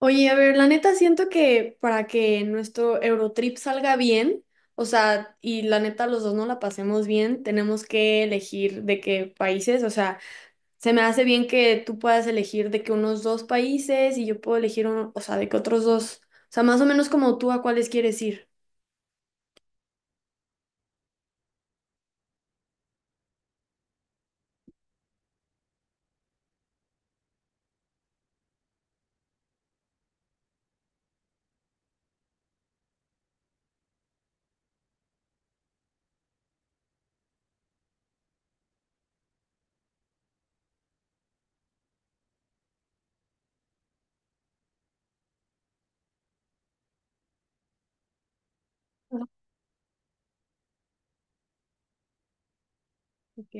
Oye, a ver, la neta siento que para que nuestro Eurotrip salga bien, o sea, y la neta los dos no la pasemos bien, tenemos que elegir de qué países, o sea, se me hace bien que tú puedas elegir de que unos dos países y yo puedo elegir uno, o sea, de que otros dos, o sea, más o menos como tú a cuáles quieres ir. Ah, ok.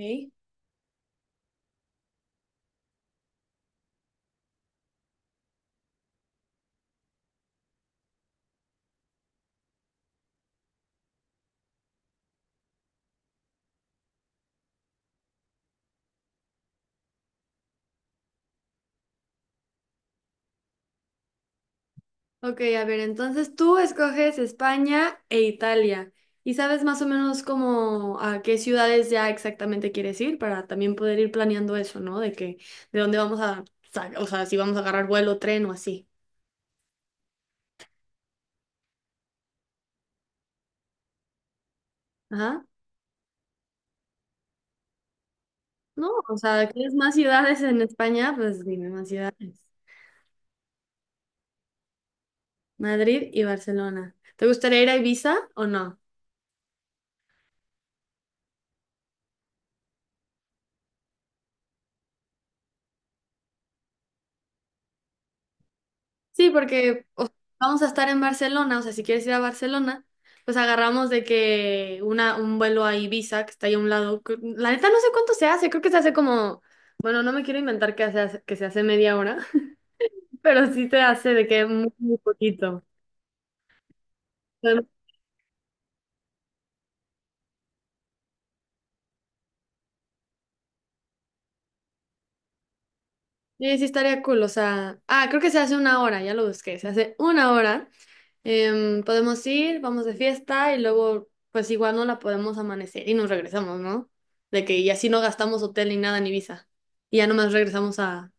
Ok, a ver, entonces tú escoges España e Italia y sabes más o menos como a qué ciudades ya exactamente quieres ir para también poder ir planeando eso, ¿no? De que, de dónde vamos a, o sea, si vamos a agarrar vuelo, tren o así. Ajá. No, o sea, ¿quieres más ciudades en España? Pues dime más ciudades. Madrid y Barcelona. ¿Te gustaría ir a Ibiza o no? Sí, porque o sea, vamos a estar en Barcelona, o sea, si quieres ir a Barcelona, pues agarramos de que una, un vuelo a Ibiza, que está ahí a un lado. La neta no sé cuánto se hace, creo que se hace como, bueno, no me quiero inventar que se hace media hora, pero sí se hace de que muy, muy poquito. Pero sí, sí estaría cool, o sea, ah, creo que se hace una hora, ya lo busqué, se hace una hora. Podemos ir, vamos de fiesta y luego, pues igual no la podemos amanecer y nos regresamos, ¿no? De que y así no gastamos hotel ni nada en Ibiza. Y ya nomás regresamos a...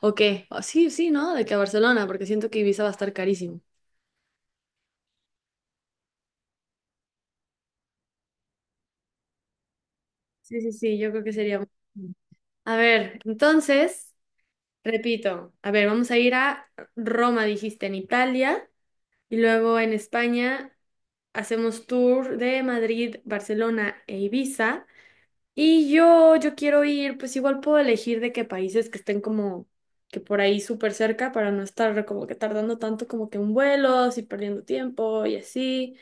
¿O qué? Sí, sí, ¿no? De que a Barcelona, porque siento que Ibiza va a estar carísimo. Sí, sí, sí, yo creo que sería... A ver, entonces, repito, a ver, vamos a ir a Roma, dijiste, en Italia, y luego en España hacemos tour de Madrid, Barcelona e Ibiza. Y yo quiero ir, pues igual puedo elegir de qué países que estén como que por ahí súper cerca para no estar como que tardando tanto como que en vuelos y perdiendo tiempo y así.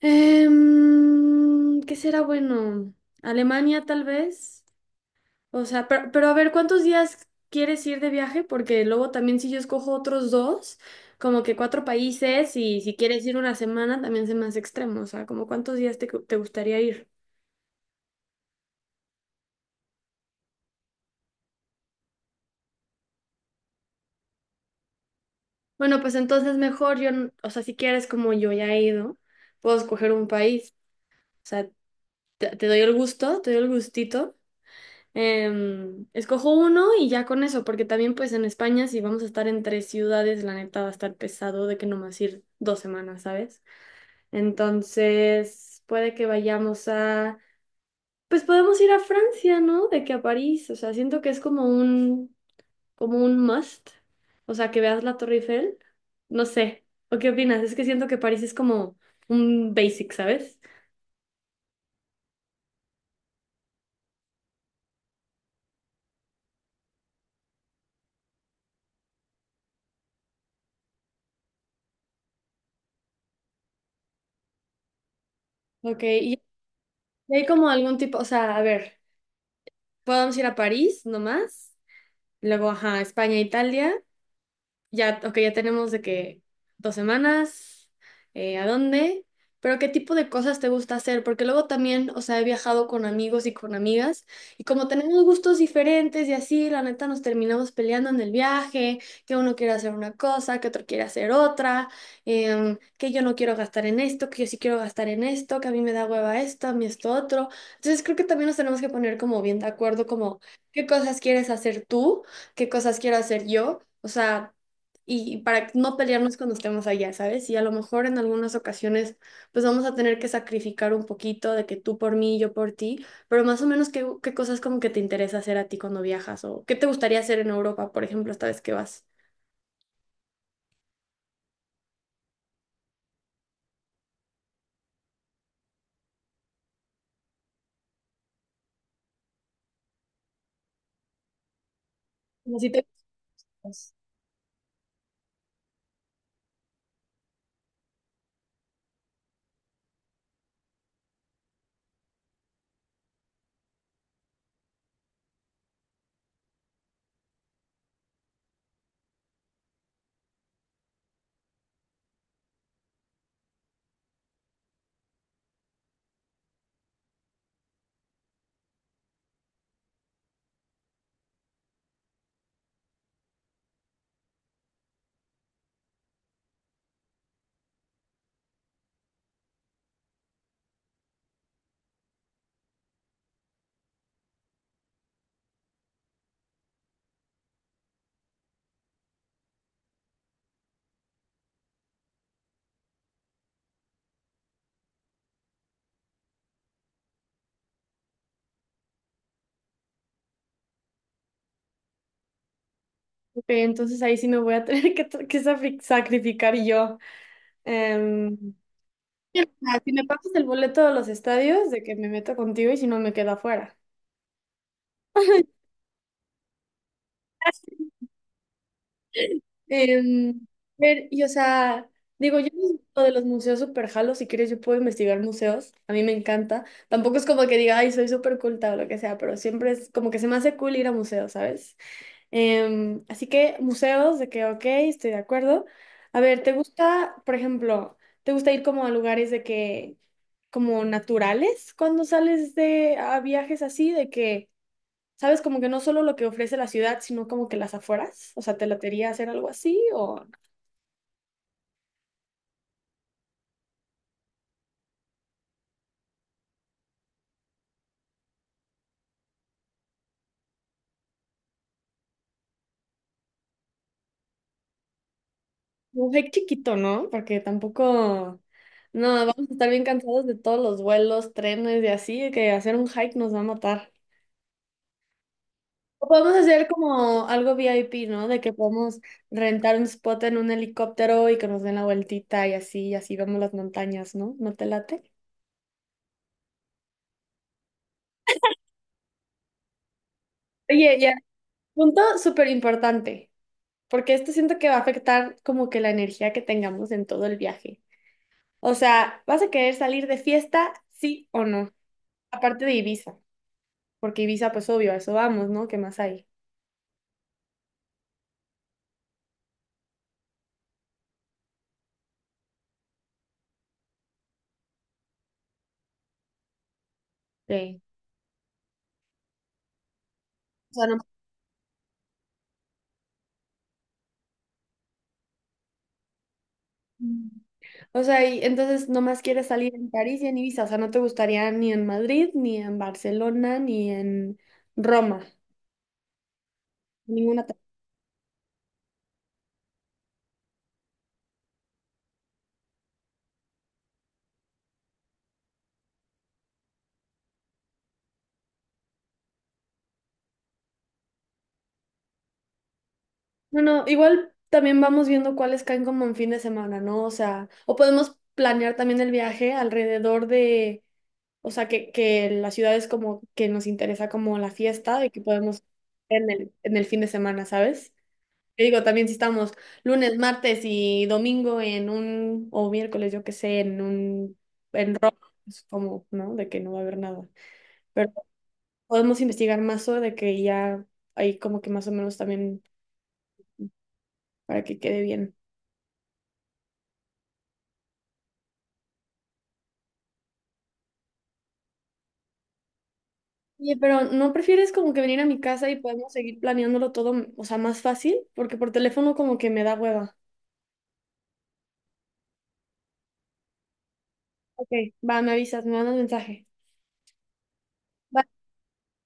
¿Qué será bueno? Alemania tal vez. O sea, pero a ver, ¿cuántos días quieres ir de viaje? Porque luego también si yo escojo otros dos, como que cuatro países y si quieres ir una semana también se me hace extremo. O sea, ¿como cuántos días te gustaría ir? Bueno, pues entonces mejor yo, o sea, si quieres como yo ya he ido, puedo escoger un país. O sea, te doy el gusto, te doy el gustito. Escojo uno y ya con eso, porque también pues en España si vamos a estar en tres ciudades, la neta va a estar pesado de que nomás ir dos semanas, ¿sabes? Entonces puede que vayamos a, pues podemos ir a Francia, ¿no? De que a París, o sea, siento que es como un must, o sea, que veas la Torre Eiffel, no sé, ¿o qué opinas? Es que siento que París es como un basic, ¿sabes? Ok, y hay como algún tipo, o sea, a ver, podemos ir a París nomás, luego, ajá, España, Italia. Ya, ok, ya tenemos de que dos semanas, ¿a dónde? Pero ¿qué tipo de cosas te gusta hacer? Porque luego también, o sea, he viajado con amigos y con amigas y como tenemos gustos diferentes y así, la neta nos terminamos peleando en el viaje, que uno quiere hacer una cosa, que otro quiere hacer otra, que yo no quiero gastar en esto, que yo sí quiero gastar en esto, que a mí me da hueva esto, a mí esto otro. Entonces creo que también nos tenemos que poner como bien de acuerdo, como qué cosas quieres hacer tú, qué cosas quiero hacer yo. O sea, y para no pelearnos cuando estemos allá, ¿sabes? Y a lo mejor en algunas ocasiones pues vamos a tener que sacrificar un poquito de que tú por mí, yo por ti, pero más o menos qué cosas como que te interesa hacer a ti cuando viajas o qué te gustaría hacer en Europa, por ejemplo, esta vez que vas. Como si te- pues, ok, entonces ahí sí me voy a tener que sacrificar yo. Em, ah, si me pagas el boleto de los estadios, de que me meto contigo y si no me quedo afuera. Em, ver, y o sea, digo, yo no sé lo de los museos super jalo, si quieres yo puedo investigar museos, a mí me encanta. Tampoco es como que diga, ay, soy súper culta o lo que sea, pero siempre es como que se me hace cool ir a museos, ¿sabes? Así que museos, de que, ok, estoy de acuerdo. A ver, ¿te gusta, por ejemplo, te gusta ir como a lugares de que, como naturales, cuando sales de a viajes así, de que... ¿Sabes? Como que no solo lo que ofrece la ciudad, sino como que las afueras. O sea, ¿te latería hacer algo así? O un hike chiquito, ¿no? Porque tampoco. No, vamos a estar bien cansados de todos los vuelos, trenes y así, que hacer un hike nos va a matar. O podemos hacer como algo VIP, ¿no? De que podemos rentar un spot en un helicóptero y que nos den la vueltita y así vemos las montañas, ¿no? ¿No te late? Oye, ya, punto súper importante, porque esto siento que va a afectar como que la energía que tengamos en todo el viaje. O sea, ¿vas a querer salir de fiesta, sí o no? Aparte de Ibiza, porque Ibiza, pues obvio, a eso vamos, ¿no? ¿Qué más hay? Sí. O sea, no- O sea, y entonces nomás quieres salir en París y en Ibiza, o sea, no te gustaría ni en Madrid, ni en Barcelona, ni en Roma, ninguna. No, no, igual también vamos viendo cuáles caen como en fin de semana, ¿no? O sea, o podemos planear también el viaje alrededor de, o sea, que la ciudad es como que nos interesa como la fiesta, de que podemos en en el fin de semana, ¿sabes? Te digo, también si estamos lunes, martes y domingo en un, o miércoles, yo qué sé, en un, en rock, es como, ¿no? De que no va a haber nada. Pero podemos investigar más sobre de que ya hay como que más o menos también para que quede bien. Oye, pero ¿no prefieres como que venir a mi casa y podemos seguir planeándolo todo, o sea, más fácil? Porque por teléfono como que me da hueva. Ok, va, me avisas, me mandas mensaje.